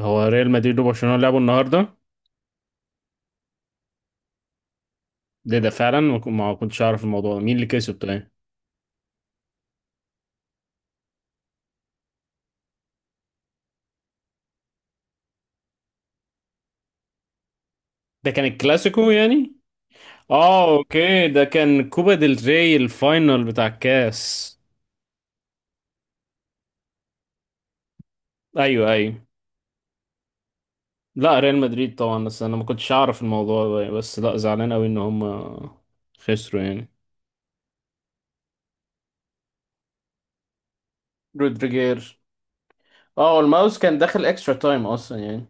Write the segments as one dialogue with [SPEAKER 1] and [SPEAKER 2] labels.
[SPEAKER 1] هو ريال مدريد وبرشلونة لعبوا النهاردة. ده فعلا ما كنتش أعرف الموضوع ده، مين اللي كسب؟ طيب ده كان الكلاسيكو يعني. اه، اوكي، ده كان كوبا ديل ري الفاينل بتاع الكاس. ايوه، ايوه. لا، ريال مدريد طبعا، بس انا ما كنتش اعرف الموضوع ده، بس لا زعلان قوي ان هم خسروا يعني. رودريجير. اه الماوس كان داخل اكسترا تايم اصلا يعني.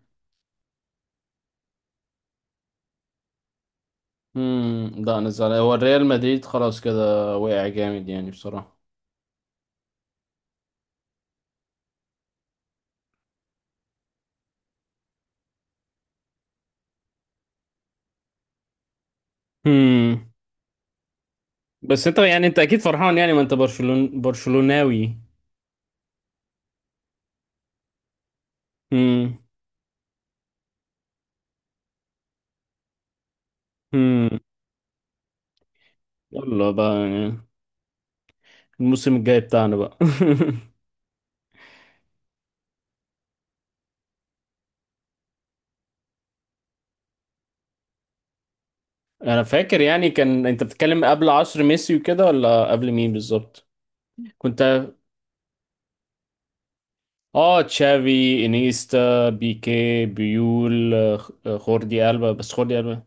[SPEAKER 1] لا، انا زعلان، هو الريال مدريد خلاص كده وقع جامد يعني بصراحة. بس انت يعني انت اكيد فرحان يعني، ما انت برشلوناوي. امم. امم. يلا بقى يعني، الموسم الجاي بتاعنا بقى. انا فاكر، يعني كان انت بتتكلم قبل عصر ميسي وكده، ولا قبل مين بالظبط؟ كنت. اه، تشافي، انيستا، بيكي، بيول، خوردي ألبا، بس خوردي ألبا.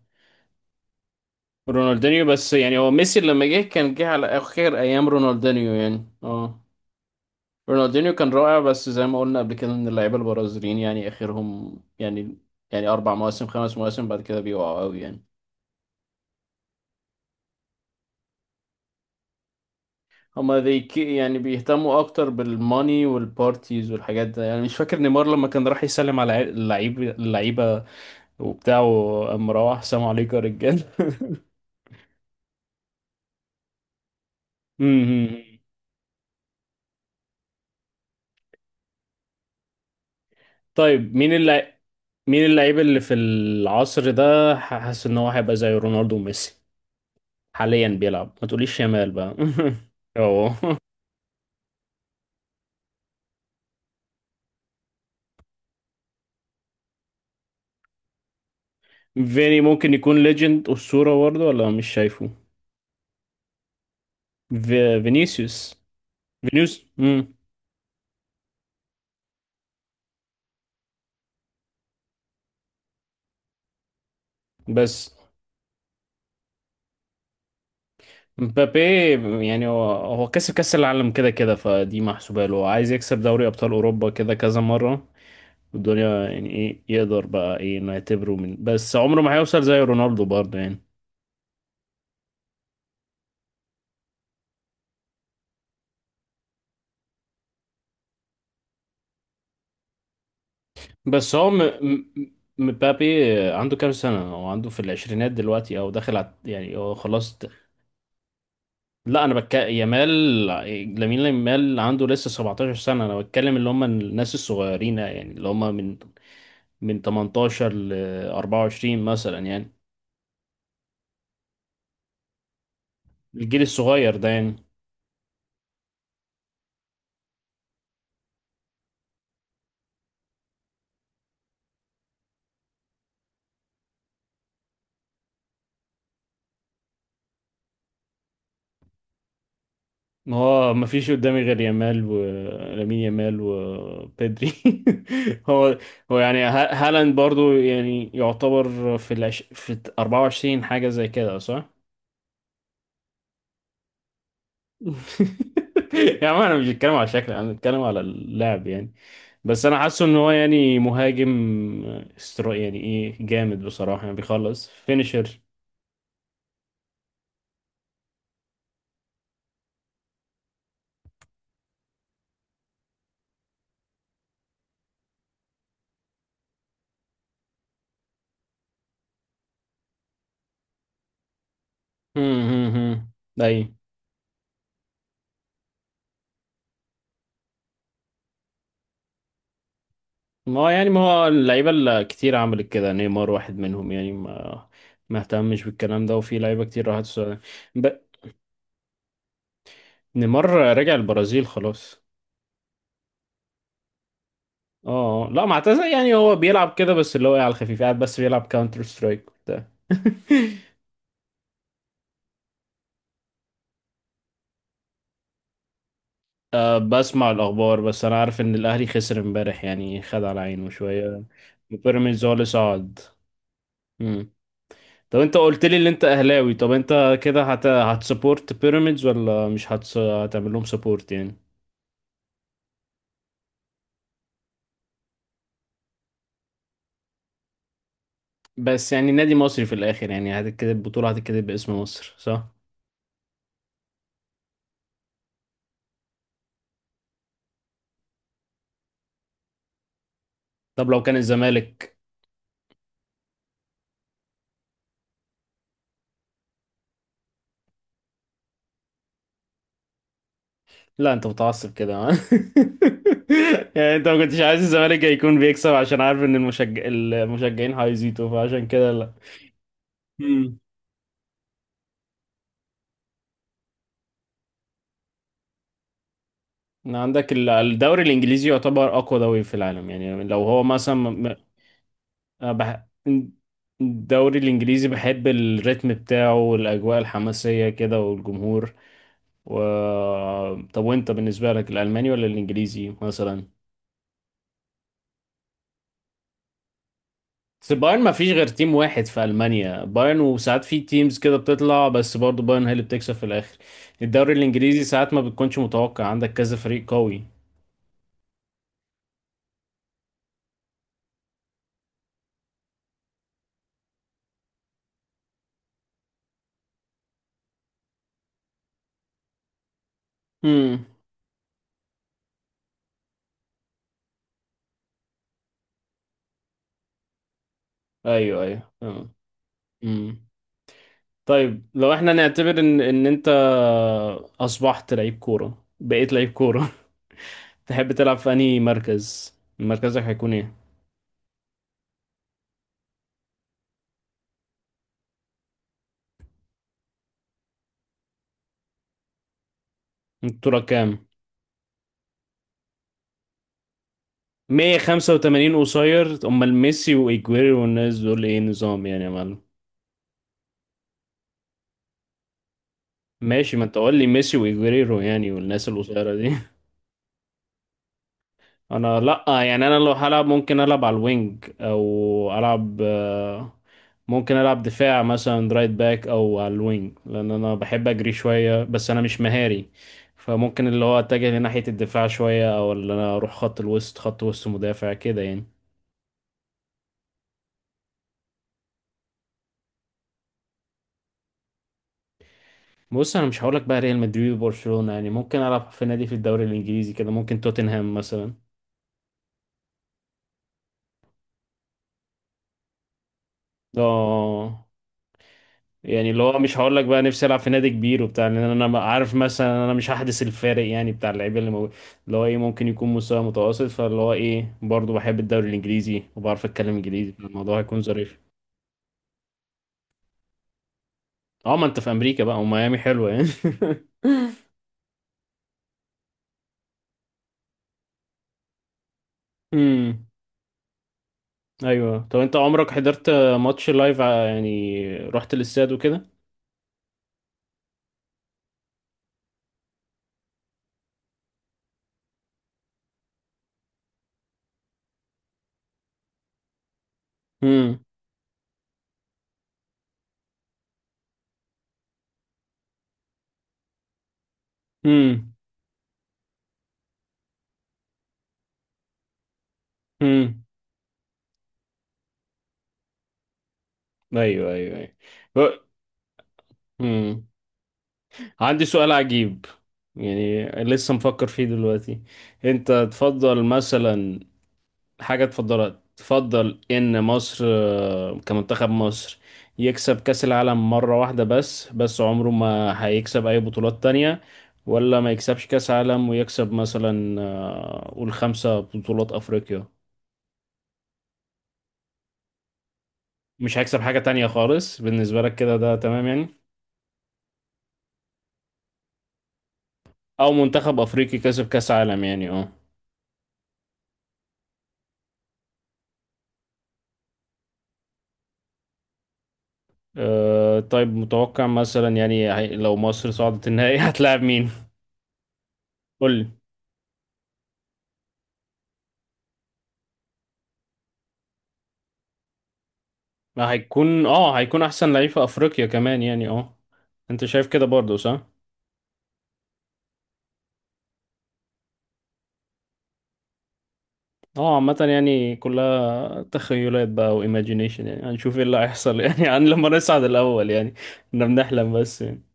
[SPEAKER 1] رونالدينيو، بس يعني هو ميسي لما جه كان جه على اخر ايام رونالدينيو يعني، اه. رونالدينيو كان رائع، بس زي ما قلنا قبل كده ان اللعيبه البرازيليين يعني اخرهم يعني، اربع مواسم، خمس مواسم بعد كده بيقعوا قوي يعني. هما يعني بيهتموا اكتر بالماني والبارتيز والحاجات ده، يعني مش فاكر نيمار لما كان راح يسلم على اللعيبه وبتاعه، قام مروح سلام عليكم يا رجال مم. طيب، مين اللعيب اللي في العصر ده، حاسس ان هو هيبقى زي رونالدو وميسي، حاليا بيلعب؟ ما تقوليش يامال بقى. اه. فيني ممكن يكون ليجند أسطورة برضه، ولا مش شايفه؟ فينيسيوس. فينيوس. مم. بس مبابي يعني، هو كسب كأس العالم كده كده، فدي محسوبة له، عايز يكسب دوري أبطال أوروبا كده كذا مرة والدنيا، يعني إيه يقدر بقى، إيه إنه يعتبره من؟ بس عمره ما هيوصل زي رونالدو برضه يعني. بس هو مبابي عنده كام سنة؟ هو عنده في العشرينات دلوقتي أو داخل على، يعني هو خلاص. لا انا بتكلم يامال، لامين يامال عنده لسه 17 سنه. انا بتكلم اللي هم الناس الصغيرين يعني، اللي هم من 18 ل 24 مثلا يعني، الجيل الصغير ده يعني. ما هو ما فيش قدامي غير يامال ولامين يامال وبيدري. هو هو يعني هالاند برضو يعني يعتبر في 24 حاجه زي كده صح؟ يا عم انا مش بتكلم على شكل، انا بتكلم على اللعب يعني. بس انا حاسه ان هو يعني مهاجم استرا يعني، ايه جامد بصراحه يعني، بيخلص فينيشر. اي، ما هو يعني، ما هو اللعيبه اللي كتير عملت كده، نيمار واحد منهم يعني، ما اهتمش بالكلام ده، وفي لعيبه كتير راحت السعودية. ب... نيمار رجع البرازيل خلاص. اه، لا ما اعتزل يعني، هو بيلعب كده بس اللي هو إيه، على الخفيف قاعد بس بيلعب كاونتر سترايك وبتاع أه، بسمع الأخبار بس، أنا عارف إن الأهلي خسر امبارح يعني خد على عينه شوية. وبيراميدز هو اللي صعد. مم. طب أنت قلت لي إن أنت أهلاوي، طب أنت كده هتسبورت بيراميدز ولا مش هتس... هتعمل لهم سبورت يعني؟ بس يعني نادي مصري في الآخر يعني، هتتكتب البطولة، هتتكتب باسم مصر صح؟ طب لو كان الزمالك؟ لا، أنت متعصب كده ها؟ يعني أنت ما كنتش عايز الزمالك يكون بيكسب عشان عارف إن المشجعين هيزيدوا فعشان كده. لا. إن عندك الدوري الانجليزي يعتبر اقوى دوري في العالم يعني، لو هو مثلا أنا بح... الدوري الانجليزي، بحب الريتم بتاعه والاجواء الحماسيه كده والجمهور و... طب وانت بالنسبه لك الالماني ولا الانجليزي مثلا؟ بس بايرن، ما فيش غير تيم واحد في المانيا بايرن، وساعات في تيمز كده بتطلع بس برضه بايرن هي اللي بتكسب في الاخر. الدوري الانجليزي ساعات ما بتكونش متوقع، عندك كذا فريق قوي. امم. ايوه، ايوه. امم. طيب لو احنا نعتبر ان انت اصبحت لعيب كورة، بقيت لعيب كورة تحب تلعب في انهي مركز؟ مركزك هيكون ايه؟ الطولة كام؟ 185 قصير؟ امال ميسي وايجويرو والناس دول ايه نظام يعني يا معلم؟ ماشي، ما انت قول لي ميسي وايجويرو يعني، والناس القصيرة دي انا لا يعني، انا لو هلعب ممكن العب على الوينج، او العب ممكن العب دفاع مثلا رايت باك، او على الوينج، لان انا بحب اجري شويه، بس انا مش مهاري، فممكن اللي هو اتجه لناحيه الدفاع شويه، او اللي انا اروح خط الوسط، خط وسط مدافع كده يعني. بص انا مش هقولك بقى ريال مدريد وبرشلونه يعني، ممكن العب في نادي في الدوري الانجليزي كده، ممكن توتنهام مثلا. اه. يعني اللي هو مش هقول لك بقى نفسي العب في نادي كبير وبتاع، لان انا عارف مثلا انا مش هحدث الفارق يعني بتاع اللعيبه اللي موجود. اللي هو ايه ممكن يكون مستوى متوسط، فاللي هو ايه برضه بحب الدوري الانجليزي، وبعرف اتكلم انجليزي فالموضوع هيكون ظريف. اه، ما انت في امريكا بقى، وميامي حلوه يعني امم. ايوه، طب انت عمرك حضرت ماتش لايف يعني رحت الاستاد وكده؟ امم. امم. امم. ايوه، ايوه، ايوه. عندي سؤال عجيب يعني لسه مفكر فيه دلوقتي. انت تفضل مثلا حاجة تفضلها، تفضل ان مصر كمنتخب مصر يكسب كأس العالم مرة واحدة بس عمره ما هيكسب اي بطولات تانية، ولا ما يكسبش كأس عالم ويكسب مثلا قول خمسة بطولات افريقيا؟ مش هيكسب حاجة تانية خالص بالنسبة لك كده، ده تمام يعني؟ او منتخب افريقي كسب كأس عالم يعني اه. أه، طيب متوقع مثلا يعني لو مصر صعدت النهائي هتلاعب مين؟ قول لي. ما هيكون، اه، هيكون احسن لعيب في افريقيا كمان يعني، اه. انت شايف كده برضه صح؟ اه، عامة يعني كلها تخيلات بقى وايماجينيشن يعني، هنشوف ايه اللي هيحصل يعني، عن لما نصعد الاول يعني. احنا بنحلم بس يعني.